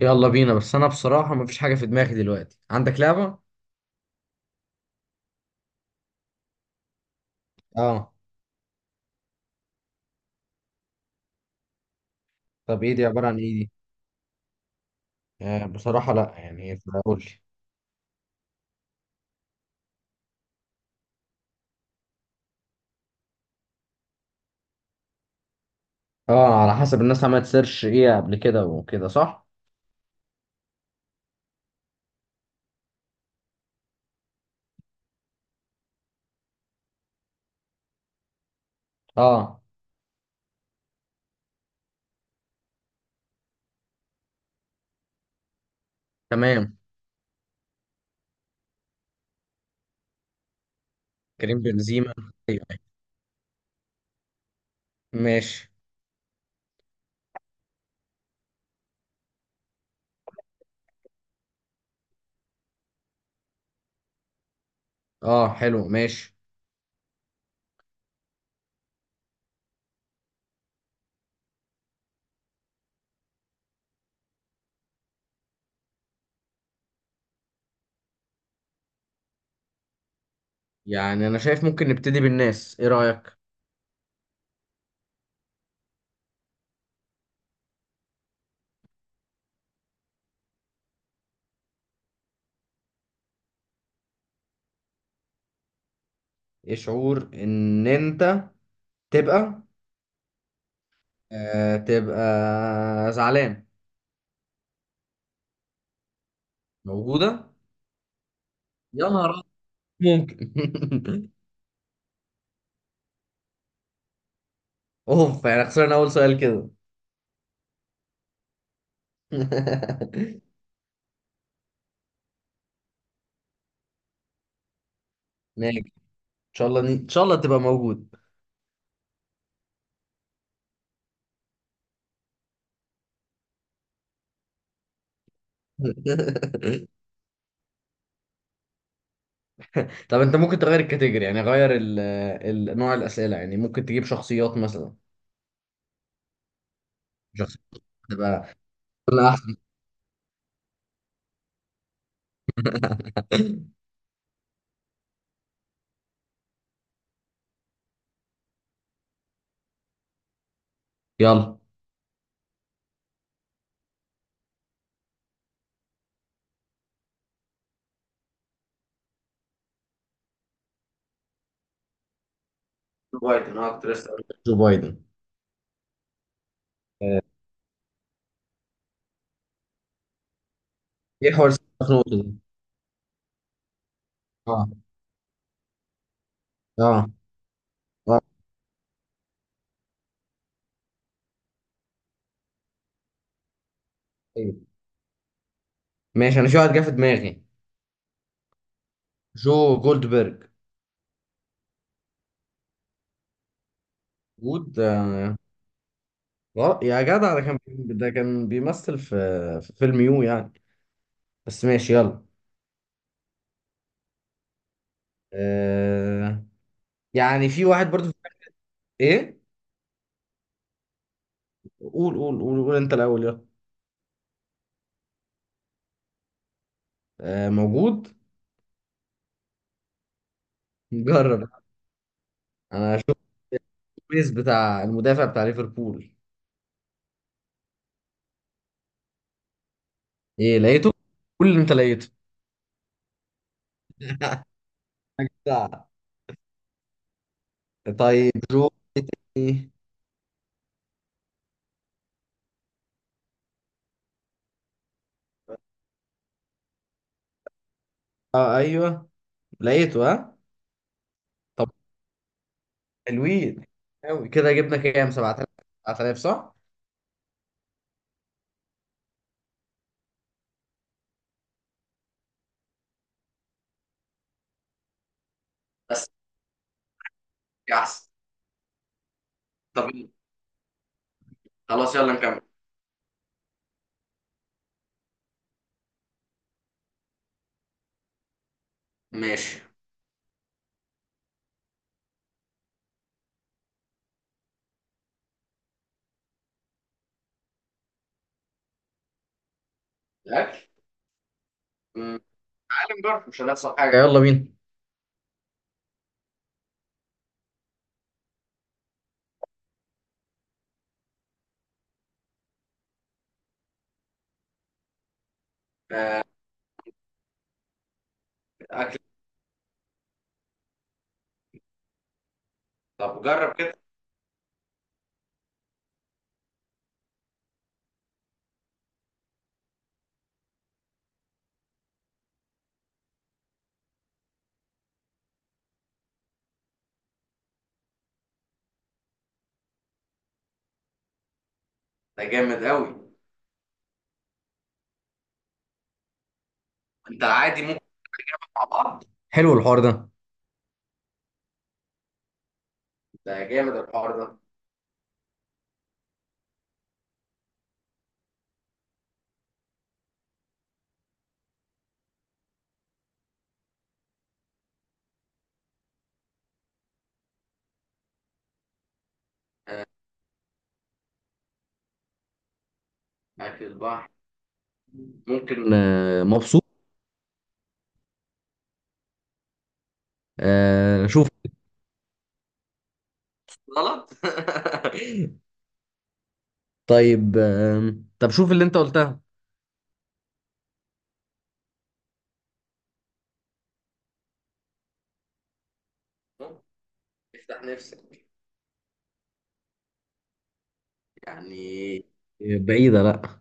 يلا بينا، بس انا بصراحة مفيش حاجة في دماغي دلوقتي. عندك لعبة؟ اه. طب ايه دي؟ عبارة عن ايه دي؟ آه بصراحة لا، يعني قول لي. اه، على حسب الناس عملت سيرش ايه قبل كده وكده، صح؟ اه تمام. كريم بنزيما. ايوه ماشي. اه حلو ماشي. يعني انا شايف ممكن نبتدي بالناس، ايه رأيك؟ ايه شعور ان انت تبقى؟ آه، تبقى زعلان. موجودة. يا نهار أبيض. ممكن اوف، يعني خسرنا اول سؤال كده. ماشي، ان شاء الله ان شاء الله تبقى موجود. طب انت ممكن تغير الكاتيجوري، يعني غير ال... ال... نوع الاسئله، يعني ممكن تجيب شخصيات مثلا. شخصيات. تبقى ولا احسن. يلا. جو بايدن، اه كنت لسه هقول لك جو بايدن. آه، ايه حوار النقطه دي. اه. اه. اه. ايوه ماشي، انا في واحد جه في دماغي. جو جولدبرج. جود غلط. يا جدع، ده كان ده كان بيمثل في في فيلم يو يعني. بس ماشي يلا. آه، يعني في واحد برضو. ايه؟ قول انت الاول يلا. آه موجود. جرب. انا شفت البيس بتاع المدافع بتاع ليفربول. ايه لقيته؟ قول اللي انت لقيته. بتاع. طيب جو إيه؟ تاني؟ اه ايوه لقيته، ها. طب. حلوين قوي كده، جبنا كام؟ 7000؟ 7000 صح. بس يا احسن. طب خلاص يلا نكمل ماشي. الاكل. أمم، تعالى نجرب، مش هنخسر حاجه، يلا بينا اكل. طب جرب كده. ده جامد قوي. انت عادي مع بعض. حلو الحوار ده. ده جامد الحوار ده. آه، أكل البحر ممكن آه، مبسوط. آه شوف. غلط طيب آه طب شوف اللي انت قلتها. افتح نفسك يعني. بعيدة لا.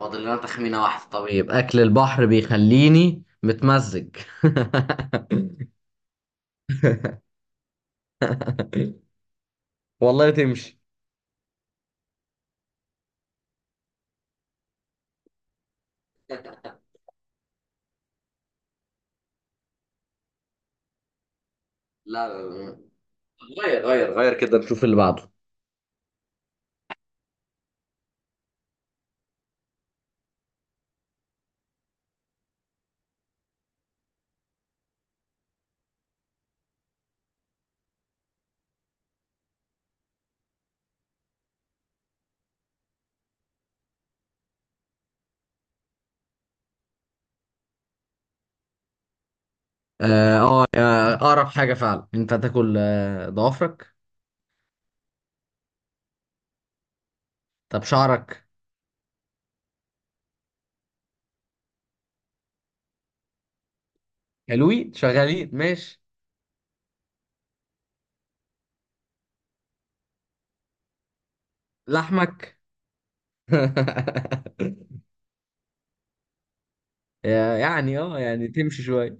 فاضل لنا تخمينة واحدة. طب طيب أكل البحر بيخليني متمزج. والله تمشي. لا لا. غير غير غير كده نشوف اللي بعده. اه آه، آه، أقرب حاجة فعلا أنت هتاكل آه، ضوافرك. طب شعرك. حلوين شغالين ماشي. لحمك. يا- يعني اه يعني تمشي شوية.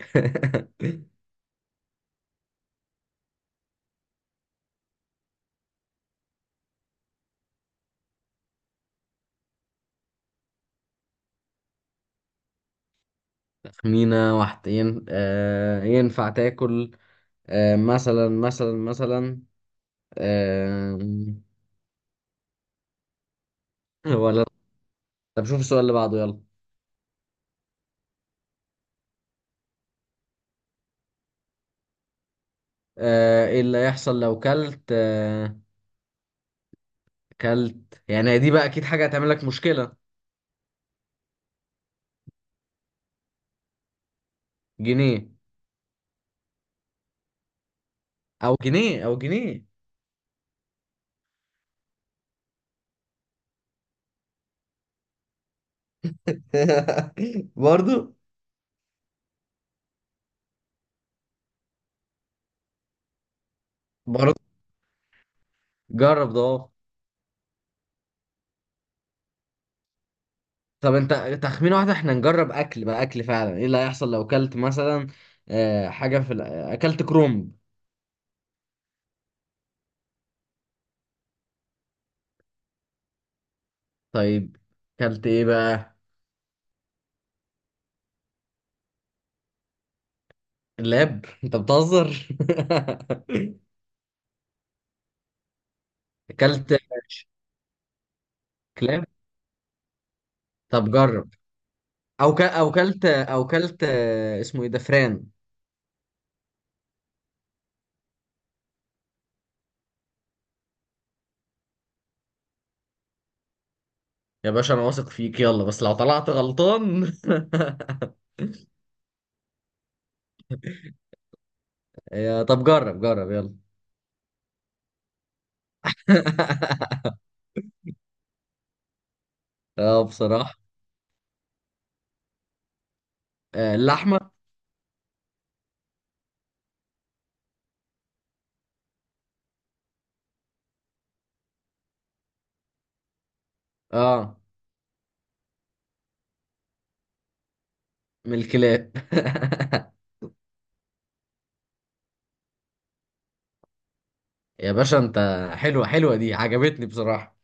تخمينة واحدة ين... آه ينفع تاكل آه مثلا مثلا مثلا آه. ولا. طب شوف السؤال اللي بعده يلا. آه ايه اللي هيحصل لو كلت آه كلت؟ يعني هي دي بقى اكيد حاجة هتعمل لك مشكلة. جنيه، او جنيه او جنيه. برضو. برضو. جرب ده. طب انت. تخمين واحدة، احنا نجرب اكل بقى، اكل فعلا. ايه اللي هيحصل لو اكلت مثلا آه، حاجة في ال- اكلت كرومب؟ طيب. اكلت ايه بقى؟ لاب انت بتهزر اكلت كلاب. طب جرب. او ك... او كلت او كلت آه، اسمه ايه ده؟ فران. يا باشا انا واثق فيك، يلا، بس لو طلعت غلطان. يا طب جرب جرب يلا. اه بصراحة. آه، اللحمة. اه، من الكلاب يا باشا انت. حلوة حلوة دي، عجبتني بصراحة.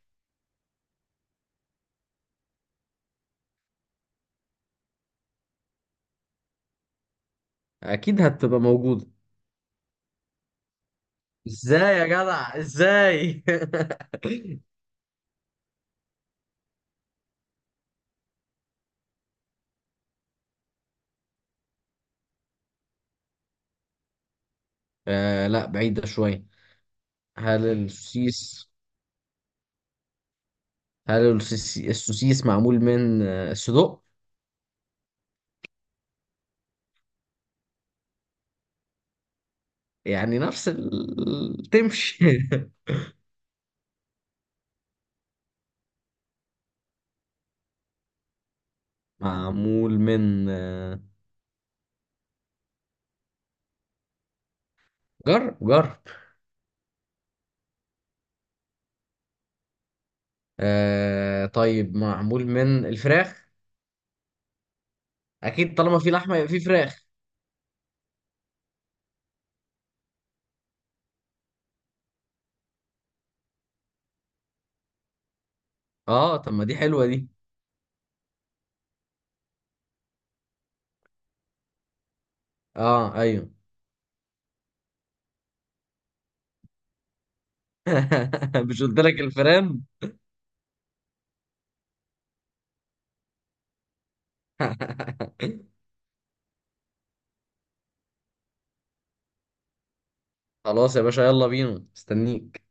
اكيد هتبقى موجودة. ازاي يا جدع ازاي؟ آه لا بعيدة شوية. هل السوسيس، السوسيس معمول من آه، صدق؟ يعني نفس ال... تمشي. معمول من آه، جر جر. آه طيب معمول من الفراخ. اكيد، طالما في لحمة يبقى في فراخ. اه طب ما دي حلوة دي. اه ايوه. مش قلت لك الفيران. خلاص يا باشا يلا بينا، استنيك.